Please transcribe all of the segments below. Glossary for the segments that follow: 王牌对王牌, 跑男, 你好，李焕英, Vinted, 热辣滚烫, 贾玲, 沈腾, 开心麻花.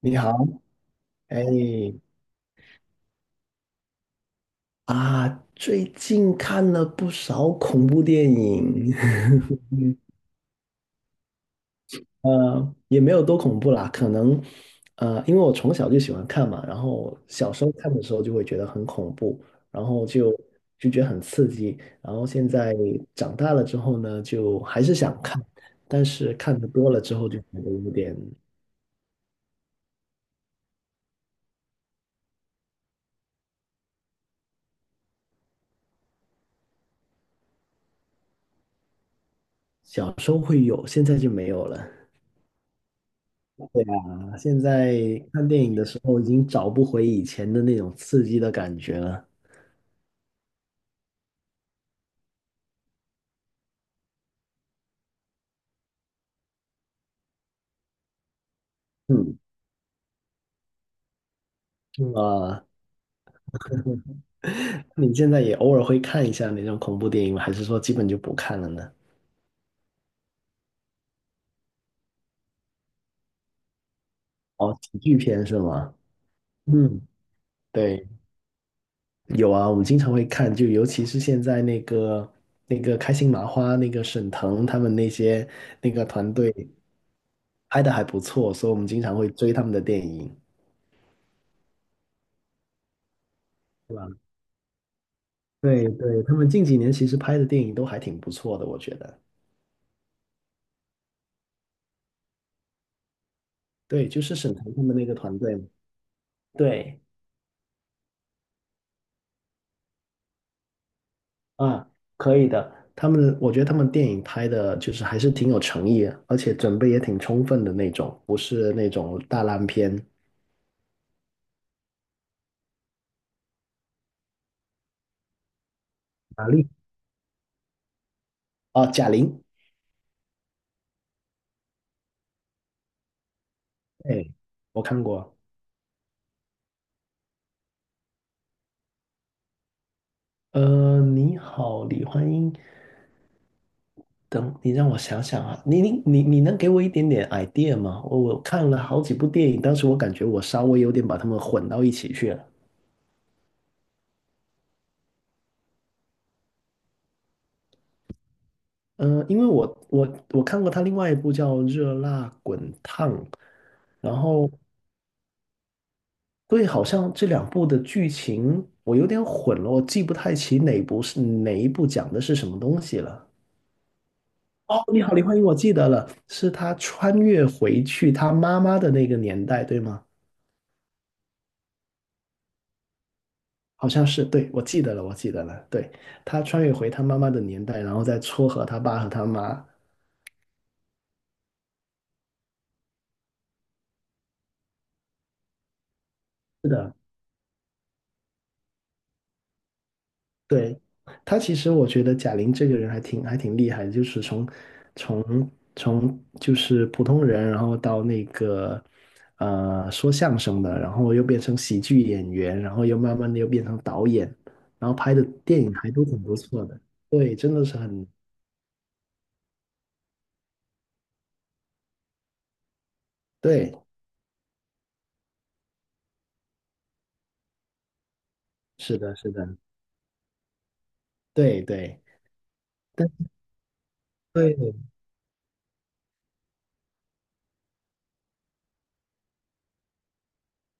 你好。哎啊，最近看了不少恐怖电影。也没有多恐怖啦，可能因为我从小就喜欢看嘛，然后小时候看的时候就会觉得很恐怖，然后就觉得很刺激，然后现在长大了之后呢，就还是想看，但是看的多了之后就觉得有点。小时候会有，现在就没有了。啊现在看电影的时候已经找不回以前的那种刺激的感觉了。嗯，啊，你现在也偶尔会看一下那种恐怖电影吗？还是说基本就不看了呢？哦，喜剧片是吗？嗯，对，有啊，我们经常会看，就尤其是现在那个那个开心麻花、那个沈腾他们那些那个团队拍的还不错，所以我们经常会追他们的电影。对吧？对对，他们近几年其实拍的电影都还挺不错的，我觉得。对，就是沈腾他们那个团队嘛。对，啊，可以的。他们，我觉得他们电影拍的就是还是挺有诚意，而且准备也挺充分的那种，不是那种大烂片。哪里？哦，贾玲。哎，我看过。呃，你好，李焕英。等你让我想想啊，你能给我一点点 idea 吗？我看了好几部电影，当时我感觉我稍微有点把它们混到一起去了。嗯，呃因为我看过他另外一部叫《热辣滚烫》，然后对，好像这两部的剧情我有点混了，我记不太起哪部是哪一部讲的是什么东西了。哦，你好，李焕英，我记得了，是他穿越回去他妈妈的那个年代，对吗？好像是，对，我记得了，我记得了，对，他穿越回他妈妈的年代，然后再撮合他爸和他妈。对，他其实我觉得贾玲这个人还挺还挺厉害的，就是从就是普通人，然后到那个呃说相声的，然后又变成喜剧演员，然后又慢慢的又变成导演，然后拍的电影还都挺不错的。对，真的是很对，是的，是的，对对，但对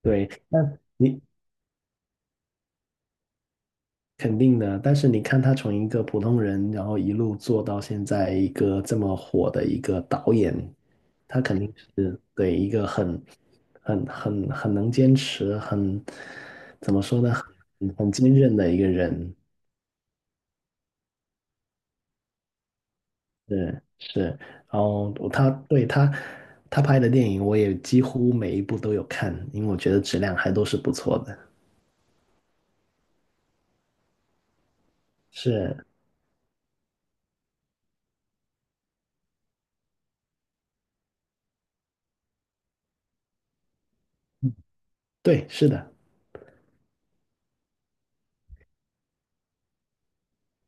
对，但。肯定的，但是你看他从一个普通人，然后一路做到现在一个这么火的一个导演，他肯定是对一个很能坚持，很怎么说呢，很坚韧的一个人。是是，然后他对他他拍的电影，我也几乎每一部都有看，因为我觉得质量还都是不错的。是，对，是的。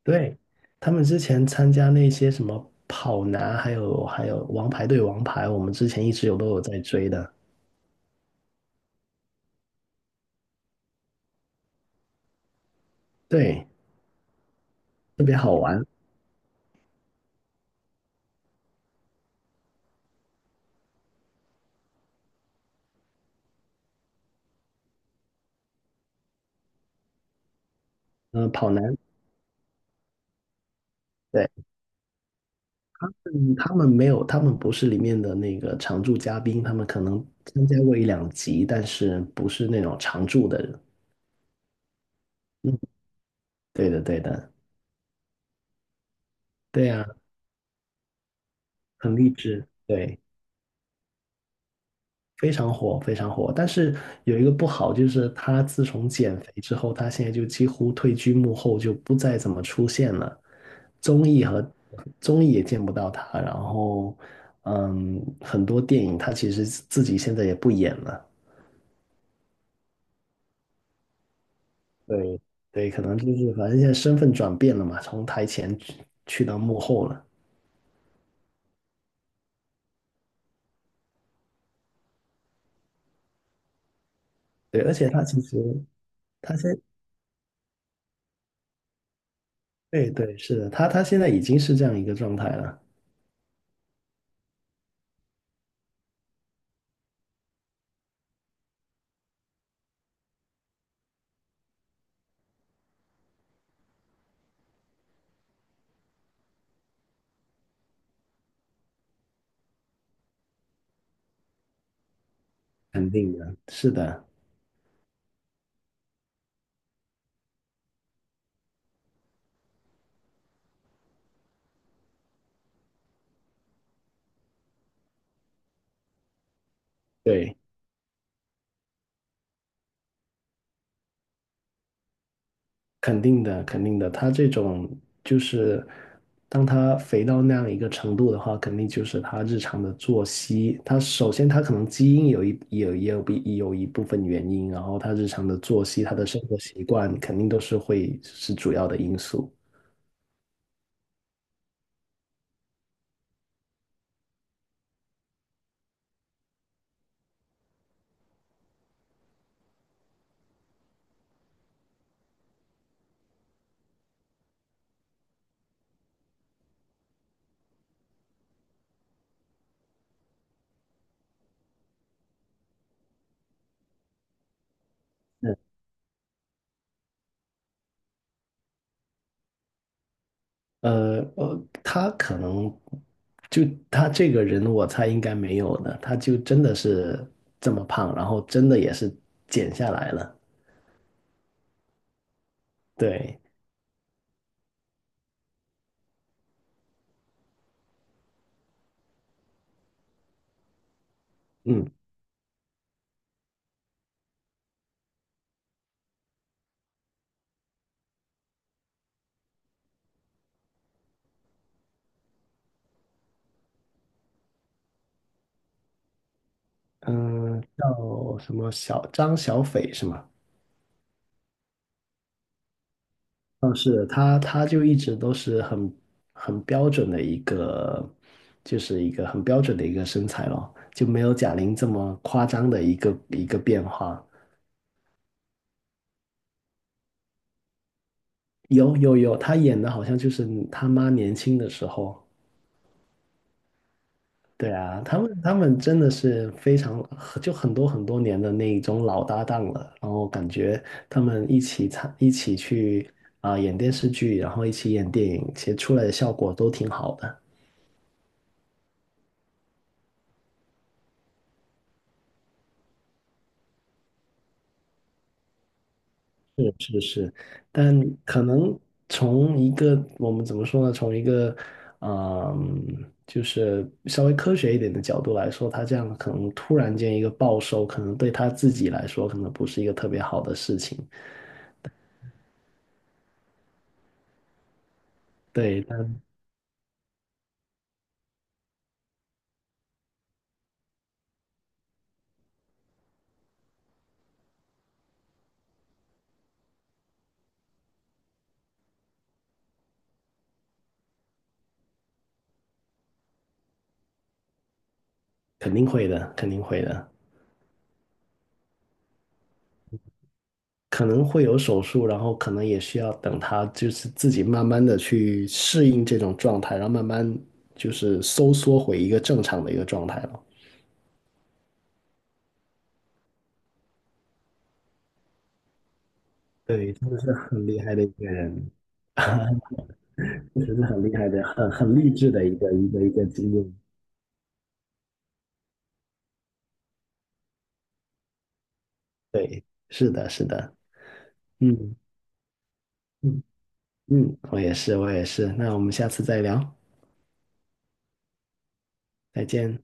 对，他们之前参加那些什么跑男，还有王牌对王牌，我们之前一直都有在追的。对，嗯、跑男，对，嗯，他们没有，他们不是里面的那个常驻嘉宾，他们可能参加过一两集，但是不是那种常驻的人。嗯，对的，对的，对呀、很励志，对，非常火，非常火。但是有一个不好，就是他自从减肥之后，他现在就几乎退居幕后，就不再怎么出现了。综艺和综艺也见不到他，然后嗯，很多电影他其实自己现在也不演了，对对，可能就是反正现在身份转变了嘛，从台前去去到幕后了，对，而且他其实他现对对是的，他现在已经是这样一个状态了。肯定的，是的，对。肯定的，肯定的，他这种就是当他肥到那样一个程度的话，肯定就是他日常的作息。他首先他可能基因有一有也有一部分原因，然后他日常的作息、他的生活习惯肯定都是会是主要的因素。他可能就他这个人，我猜应该没有的，他就真的是这么胖，然后真的也是减下来了。对，嗯。嗯，叫什么小张小斐是吗？嗯，是他，他就一直都是很标准的一个，就是一个很标准的一个身材咯，就没有贾玲这么夸张的一个变化。有有有，他演的好像就是他妈年轻的时候，对啊，他们真的是非常就很多很多年的那一种老搭档了，然后感觉他们一起去啊、演电视剧，然后一起演电影，其实出来的效果都挺好的。但可能从一个我们怎么说呢，从一个嗯、就是稍微科学一点的角度来说，他这样可能突然间一个暴瘦，可能对他自己来说可能不是一个特别好的事情。对，但肯定会的，肯定会的。可能会有手术，然后可能也需要等他就是自己慢慢的去适应这种状态，然后慢慢就是收缩回一个正常的一个状态了。对，真的是很厉害的一个人。确实是很厉害的，很很励志的一个经历。对，是的，是的，嗯嗯嗯，我也是，我也是。那我们下次再聊，再见。